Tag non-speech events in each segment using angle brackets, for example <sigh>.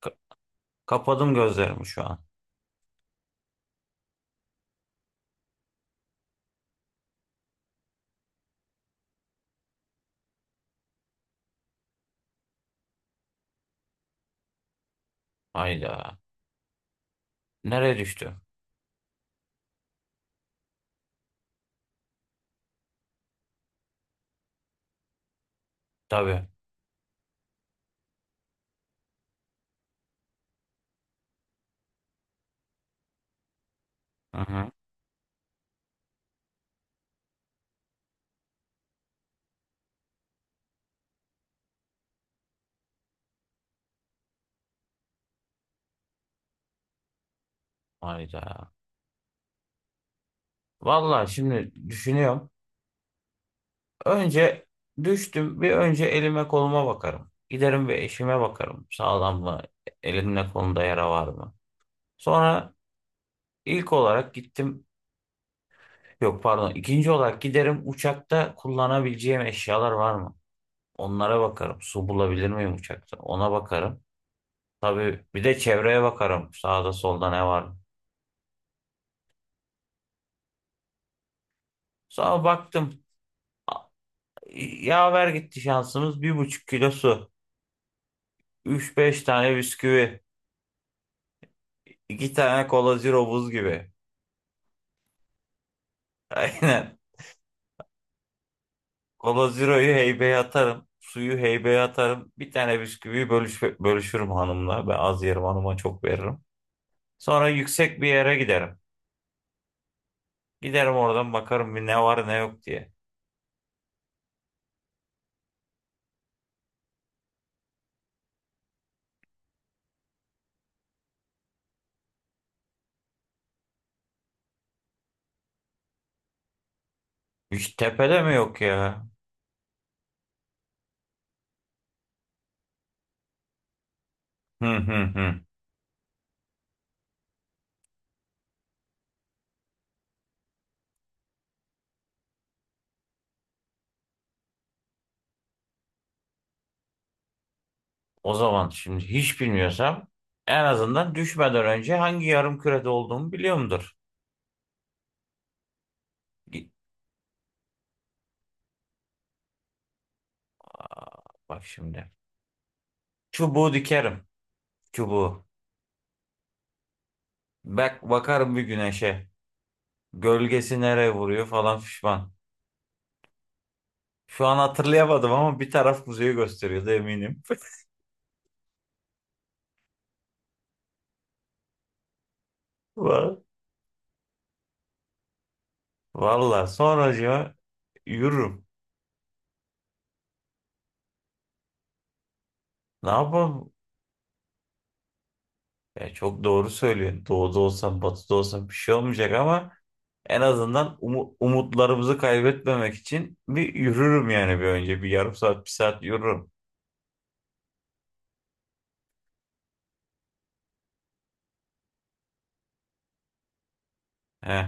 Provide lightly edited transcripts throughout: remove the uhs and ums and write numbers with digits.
Ka- Kapadım gözlerimi şu an. Hayda. Nereye düştü? Tabii. Hı hı. Hayda. Vallahi şimdi düşünüyorum. Önce düştüm. Bir önce elime koluma bakarım. Giderim bir eşime bakarım. Sağlam mı? Elimde kolumda yara var mı? Sonra ilk olarak gittim. Yok, pardon. İkinci olarak giderim uçakta kullanabileceğim eşyalar var mı? Onlara bakarım. Su bulabilir miyim uçakta? Ona bakarım. Tabii bir de çevreye bakarım. Sağda solda ne var? Sonra baktım. Yaver gitti şansımız. 1,5 kilo su, üç beş tane bisküvi, 2 tane cola zero buz gibi. <laughs> Aynen. Cola zero'yu heybeye atarım. Suyu heybeye atarım. Bir tane bisküviyi bölüşürüm hanımla. Ben az yerim, hanıma çok veririm. Sonra yüksek bir yere giderim. Giderim oradan bakarım bir ne var ne yok diye. Hiç tepede mi yok ya? Hı hı hı. O zaman şimdi hiç bilmiyorsam en azından düşmeden önce hangi yarım kürede olduğumu biliyorumdur. Git, bak şimdi. Çubuğu dikerim. Çubuğu. Bak, bakarım bir güneşe. Gölgesi nereye vuruyor falan fişman. Şu an hatırlayamadım ama bir taraf kuzeyi gösteriyordu, eminim. <laughs> Va- Valla sonracığıma yürürüm. Ne yapalım? Ya çok doğru söylüyorsun. Doğuda olsam batıda olsam bir şey olmayacak ama en azından umutlarımızı kaybetmemek için bir yürürüm yani bir önce. Bir yarım saat bir saat yürürüm. He.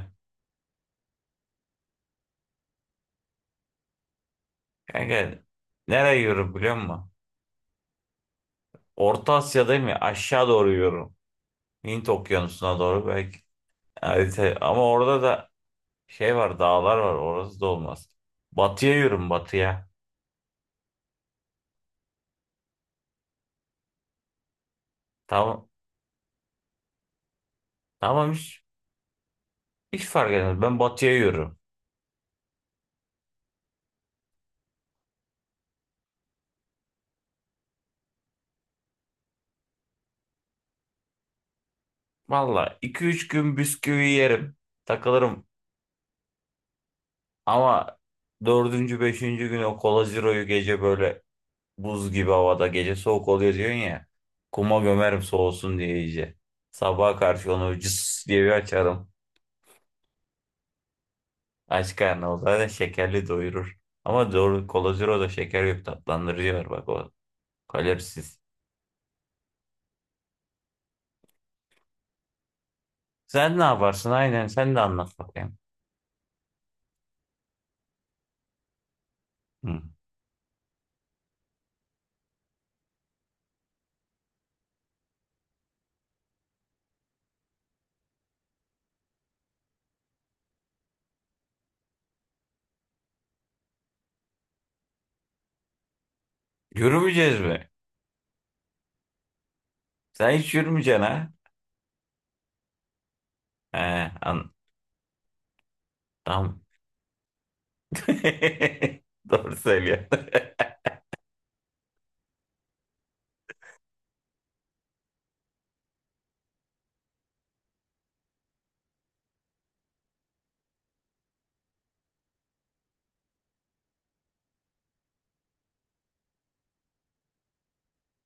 Kanka, nereye yürürüm biliyor musun? Orta Asya'dayım ya, aşağı doğru yürüyorum. Hint Okyanusu'na doğru belki, harita ama orada da şey var, dağlar var, orası da olmaz. Batıya yürüm batıya. Tamam tamam, hiç fark etmez, ben batıya yürürüm. Valla iki üç gün bisküvi yerim, takılırım ama dördüncü beşinci gün o kolaziroyu gece böyle buz gibi havada, gece soğuk oluyor diyorsun ya. Kuma gömerim soğusun diye iyice. Sabaha karşı onu cıs diye bir açarım. Aç karnı o zaten, şekerli doyurur. Ama doğru, Cola Zero'da şeker yok, tatlandırıcı var, bak o kalorisiz. Sen ne yaparsın, aynen sen de anlat bakayım. Hı. Yürümeyeceğiz mi? Sen hiç yürümeyeceksin ha? He, tamam. <laughs> Doğru söylüyorsun. <laughs>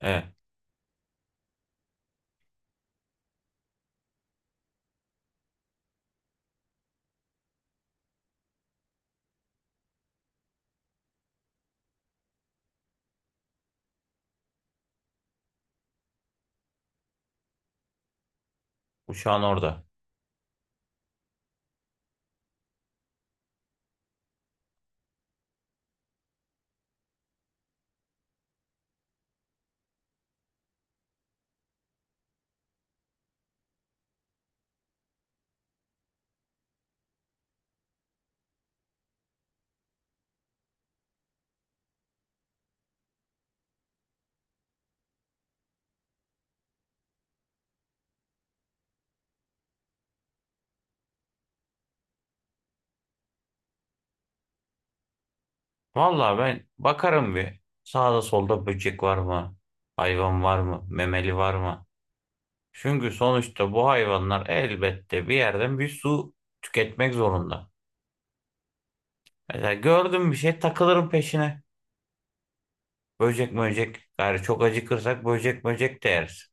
Evet, uçağın orada. Vallahi ben bakarım bir. Sağda solda böcek var mı? Hayvan var mı? Memeli var mı? Çünkü sonuçta bu hayvanlar elbette bir yerden bir su tüketmek zorunda. Mesela gördüm bir şey, takılırım peşine. Böcek böcek. Gayrı çok acıkırsak böcek böcek de yeriz.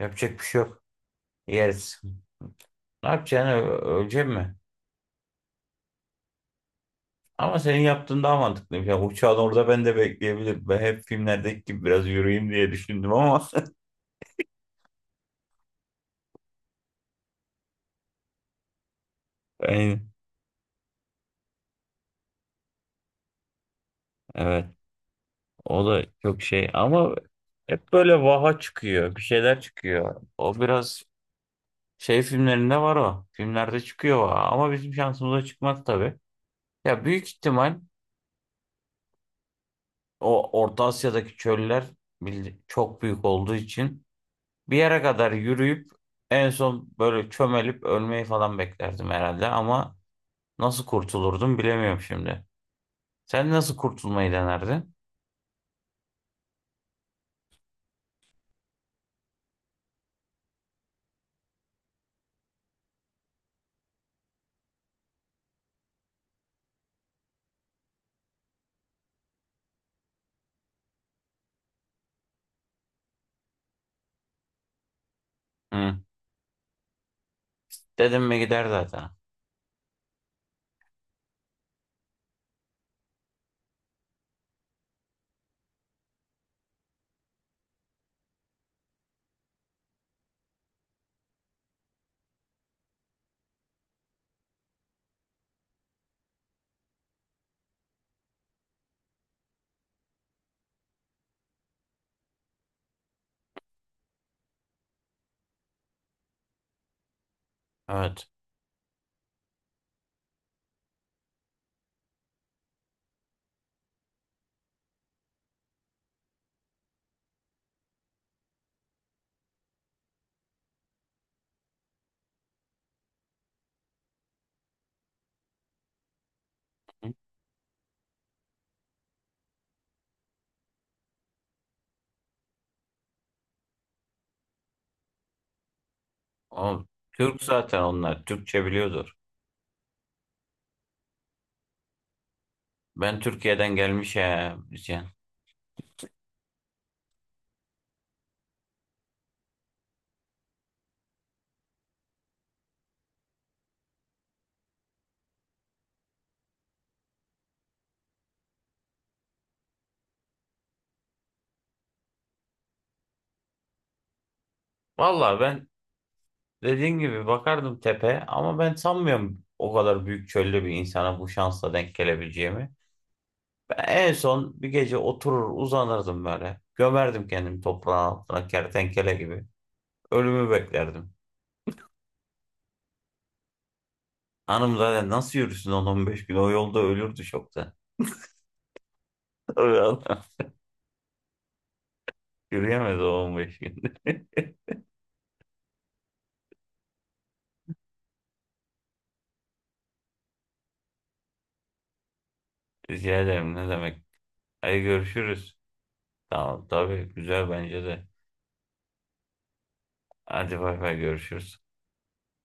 Yapacak bir şey yok. Yeriz. Ne yapacaksın? Ölecek mi? Ama senin yaptığın daha mantıklı. Yani uçağın orada ben de bekleyebilirim. Ben hep filmlerdeki gibi biraz yürüyeyim diye düşündüm ama. <laughs> Aynen. Evet. O da çok şey ama hep böyle vaha çıkıyor. Bir şeyler çıkıyor. O biraz şey filmlerinde var o. Filmlerde çıkıyor vaha. Ama bizim şansımıza çıkmaz tabii. Ya büyük ihtimal o Orta Asya'daki çöller çok büyük olduğu için bir yere kadar yürüyüp en son böyle çömelip ölmeyi falan beklerdim herhalde ama nasıl kurtulurdum bilemiyorum şimdi. Sen nasıl kurtulmayı denerdin? Hı. Dedim mi gider zaten. Evet. O, Türk zaten onlar. Türkçe biliyordur. Ben Türkiye'den gelmiş ya diyeceksin. Valla ben dediğin gibi bakardım tepe ama ben sanmıyorum o kadar büyük çölde bir insana bu şansla denk gelebileceğimi. Ben en son bir gece oturur uzanırdım böyle. Gömerdim kendimi toprağın altına kertenkele gibi. Ölümü beklerdim. Hanım zaten nasıl yürüsün 10-15 gün? O yolda ölürdü şokta. <laughs> Öyle adam. Yürüyemez o 15 gün. <laughs> Rica ederim, ne demek. Hadi görüşürüz. Tamam, tabii, güzel bence de. Hadi bay bay, görüşürüz.